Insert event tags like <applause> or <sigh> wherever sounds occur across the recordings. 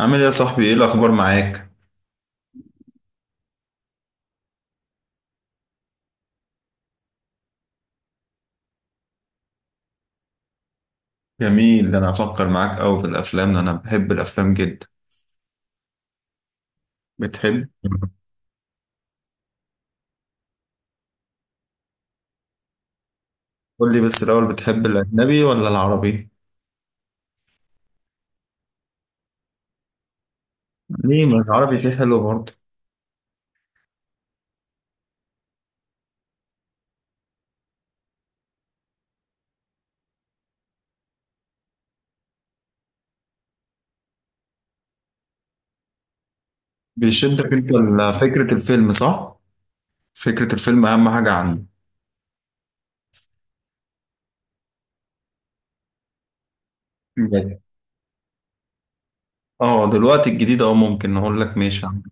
عامل ايه يا صاحبي؟ ايه الاخبار معاك؟ جميل، ده انا هفكر معاك قوي في الافلام، ده انا بحب الافلام جدا. بتحب؟ قول لي بس الاول، بتحب الاجنبي ولا العربي؟ ليه؟ ما العربي فيه حلو برضه. بيشدك انت فكرة الفيلم، صح؟ فكرة الفيلم اهم حاجة عنده. بجد. اه دلوقتي الجديد ممكن اقول لك ماشي عنه.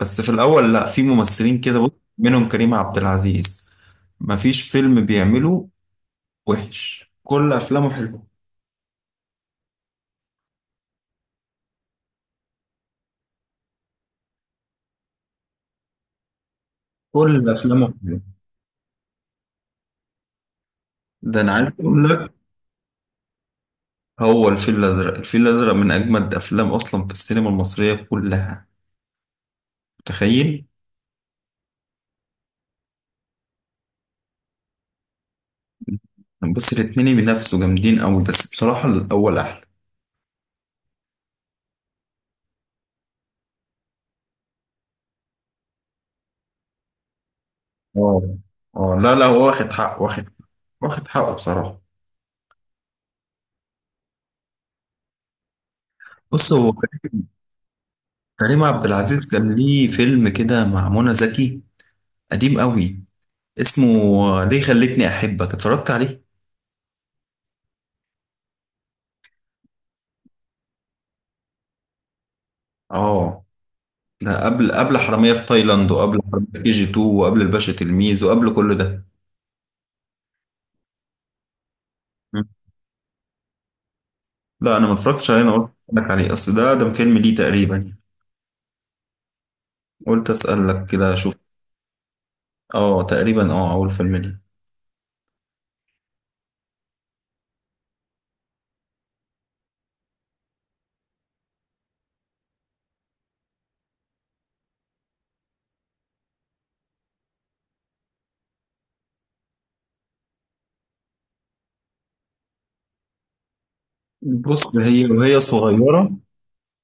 بس في الاول، لا، في ممثلين كده، بص، منهم كريم عبد العزيز. مفيش فيلم بيعمله وحش، كل افلامه حلوه. كل افلامه حلوه، ده انا عارف اقول لك. هو الفيل الأزرق، الفيل الأزرق من أجمد أفلام أصلا في السينما المصرية كلها، متخيل؟ بص، الاتنين بينافسوا جامدين أوي، بس بصراحة الأول أحلى. اه، اه، لا، لا، هو واخد حقه بصراحة. بص هو، كريم عبد العزيز كان ليه فيلم كده مع منى زكي، قديم أوي، اسمه "ليه خلتني أحبك"، اتفرجت عليه؟ اه، ده قبل حرامية في تايلاند، وقبل حرامية في كي جي 2، وقبل الباشا تلميذ، وقبل كل ده. لا انا ما اتفرجتش عليه، انا قلت لك عليه اصل ده فيلم ليه تقريبا يعني، قلت اسالك كده اشوف. اه، تقريبا، اول فيلم ليه. بص، هي وهي صغيره،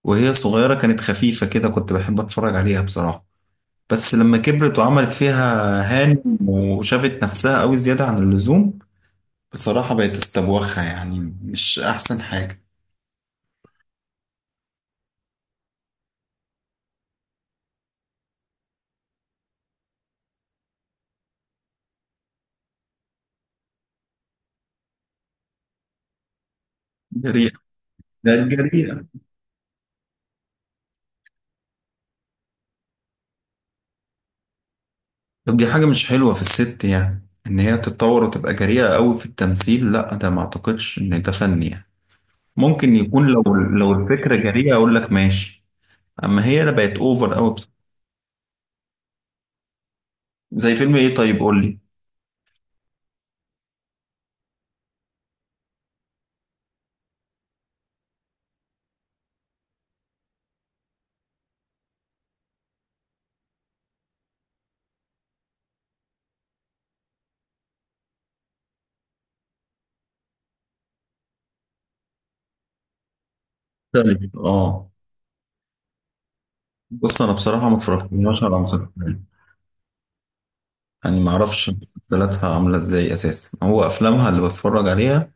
وهي صغيره كانت خفيفه كده، كنت بحب اتفرج عليها بصراحه. بس لما كبرت وعملت فيها هان وشافت نفسها قوي زياده عن اللزوم، بصراحه بقت استبوخه، يعني مش احسن حاجه. جريئه، ده جريئه. طب دي حاجه مش حلوه في الست، يعني ان هي تتطور وتبقى جريئه قوي في التمثيل، لا ده ما اعتقدش ان ده فن يعني. ممكن يكون لو، لو الفكرة جريئة أقول لك ماشي، أما هي لا، بقت أوفر أوي بصراحة. زي فيلم إيه؟ طيب قول لي. طيب، آه. بص أنا بصراحة ما اتفرجتش على مسلسلات، يعني ما أعرفش مسلسلاتها عاملة إزاي أساسا، هو أفلامها اللي بتفرج عليها.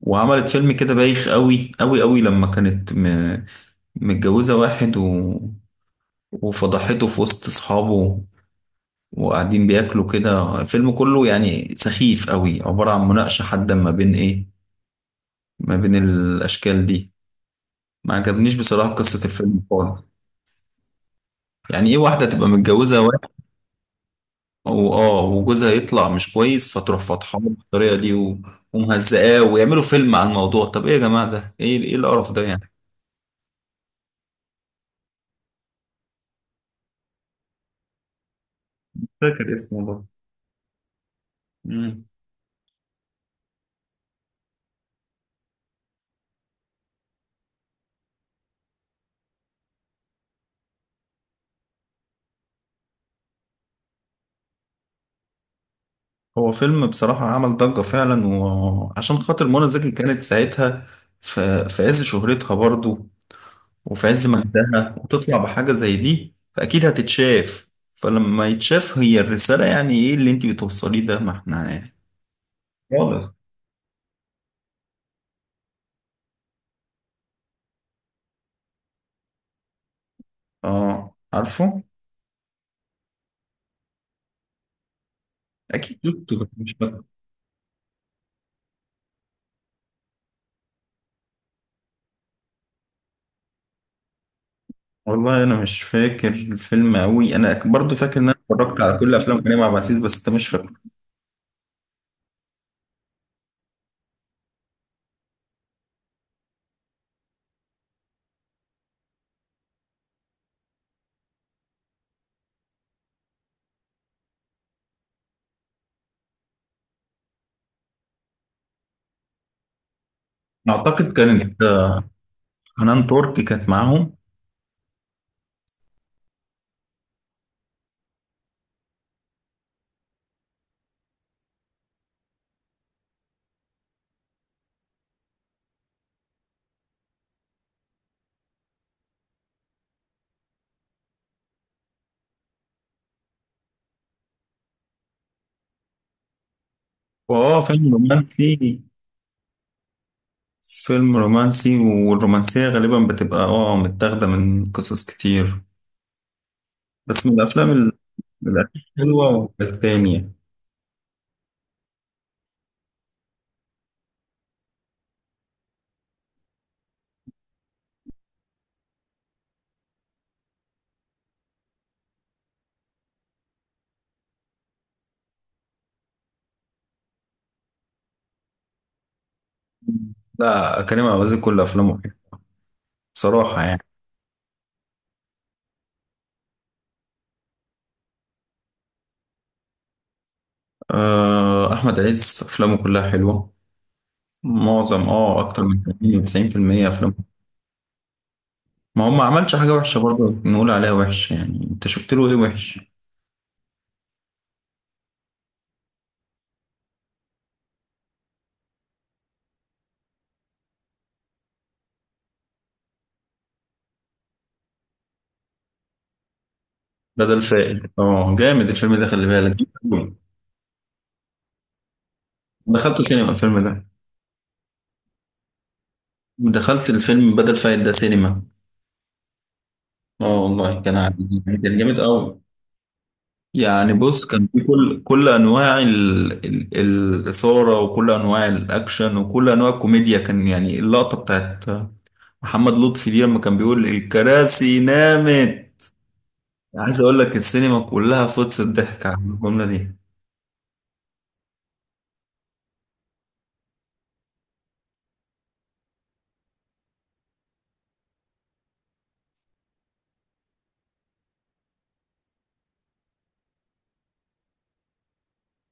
وعملت فيلم كده بايخ أوي أوي أوي لما كانت متجوزة واحد وفضحته في وسط أصحابه وقاعدين بياكلوا كده، الفيلم كله يعني سخيف أوي، عبارة عن مناقشة حادة ما بين إيه، ما بين الأشكال دي. ما عجبنيش بصراحة قصة الفيلم خالص. يعني ايه واحدة تبقى متجوزة واحد وجوزها يطلع مش كويس فتروح فاتحاه بالطريقة دي ومهزقاه ويعملوا فيلم عن الموضوع؟ طب ايه يا جماعة ده؟ ايه القرف ده يعني؟ فاكر اسمه برضه. مم. هو فيلم بصراحة عمل ضجة فعلا، وعشان خاطر منى زكي كانت ساعتها في عز شهرتها برضه، وفي عز مجدها، وتطلع بحاجة زي دي فأكيد هتتشاف. فلما يتشاف، هي الرسالة يعني ايه اللي انت بتوصليه ده؟ ما احنا يعني خالص. اه، عارفه. اكيد شفته بس مش فاكر. والله انا مش فاكر الفيلم قوي، انا برضو فاكر ان انا اتفرجت على كل افلام كريم عبد العزيز بس انت مش فاكر. اعتقد كانت حنان ترك كانت معاهم. فيلم رومانسي، فيلم رومانسي، والرومانسية غالبا بتبقى متاخدة من قصص كتير، بس من الافلام من الحلوة والتانية. لا، كريم عبد العزيز كل افلامه حلوة بصراحة يعني. آه، أحمد عز أفلامه كلها حلوة، معظم، اكتر من 80 90% افلام. ما هو ما عملش حاجه وحشه برضه نقول عليها وحش، يعني انت شفت له ايه وحش؟ بدل فائد، اه جامد الفيلم ده، خلي بالك. دخلت سينما الفيلم ده، دخلت الفيلم بدل فائد ده سينما. اه والله كان عادي، كان جامد قوي يعني. بص، كان في كل انواع الاثاره، وكل انواع الاكشن، وكل انواع الكوميديا، كان يعني اللقطه بتاعت محمد لطفي دي لما كان بيقول الكراسي نامت، عايز اقول لك السينما كلها فطس الضحك على الجمله دي.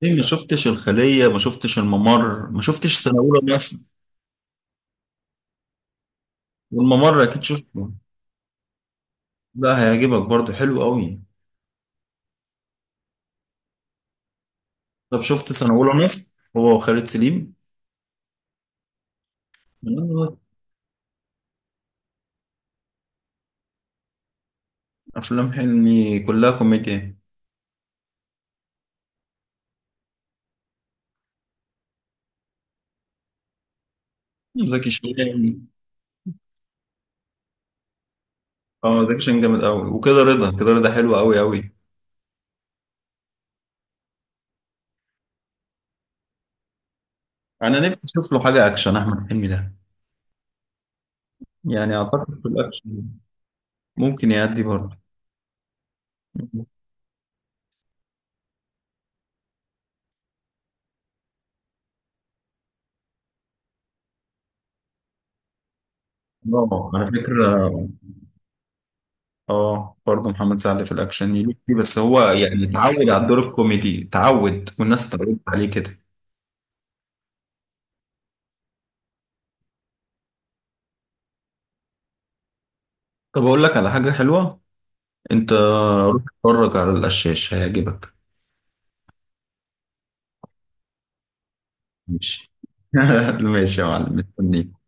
ليه ما شفتش الخليه؟ ما شفتش الممر؟ ما شفتش سنه اولى مصر؟ والممر اكيد شفته. لا، هيعجبك برضه، حلو قوي. طب شفت سنه اولى مصر؟ هو وخالد سليم. آه، افلام حلمي كلها كوميديا. زكي شان. اه، زكي شان جامد قوي، وكده رضا، كده رضا حلو قوي قوي. انا نفسي اشوف له حاجه اكشن، احمد حلمي ده، يعني اعتقد في الاكشن ممكن يأدي برضه. اه، على فكرة، اه برضه محمد سعد في الاكشن يليق فيه، بس هو يعني اتعود على الدور الكوميدي، اتعود والناس اتعودت عليه كده. طب اقول لك على حاجه حلوه، انت روح اتفرج على القشاش، هيعجبك. ماشي. <laughs> ماشي يا معلم، مستنيك.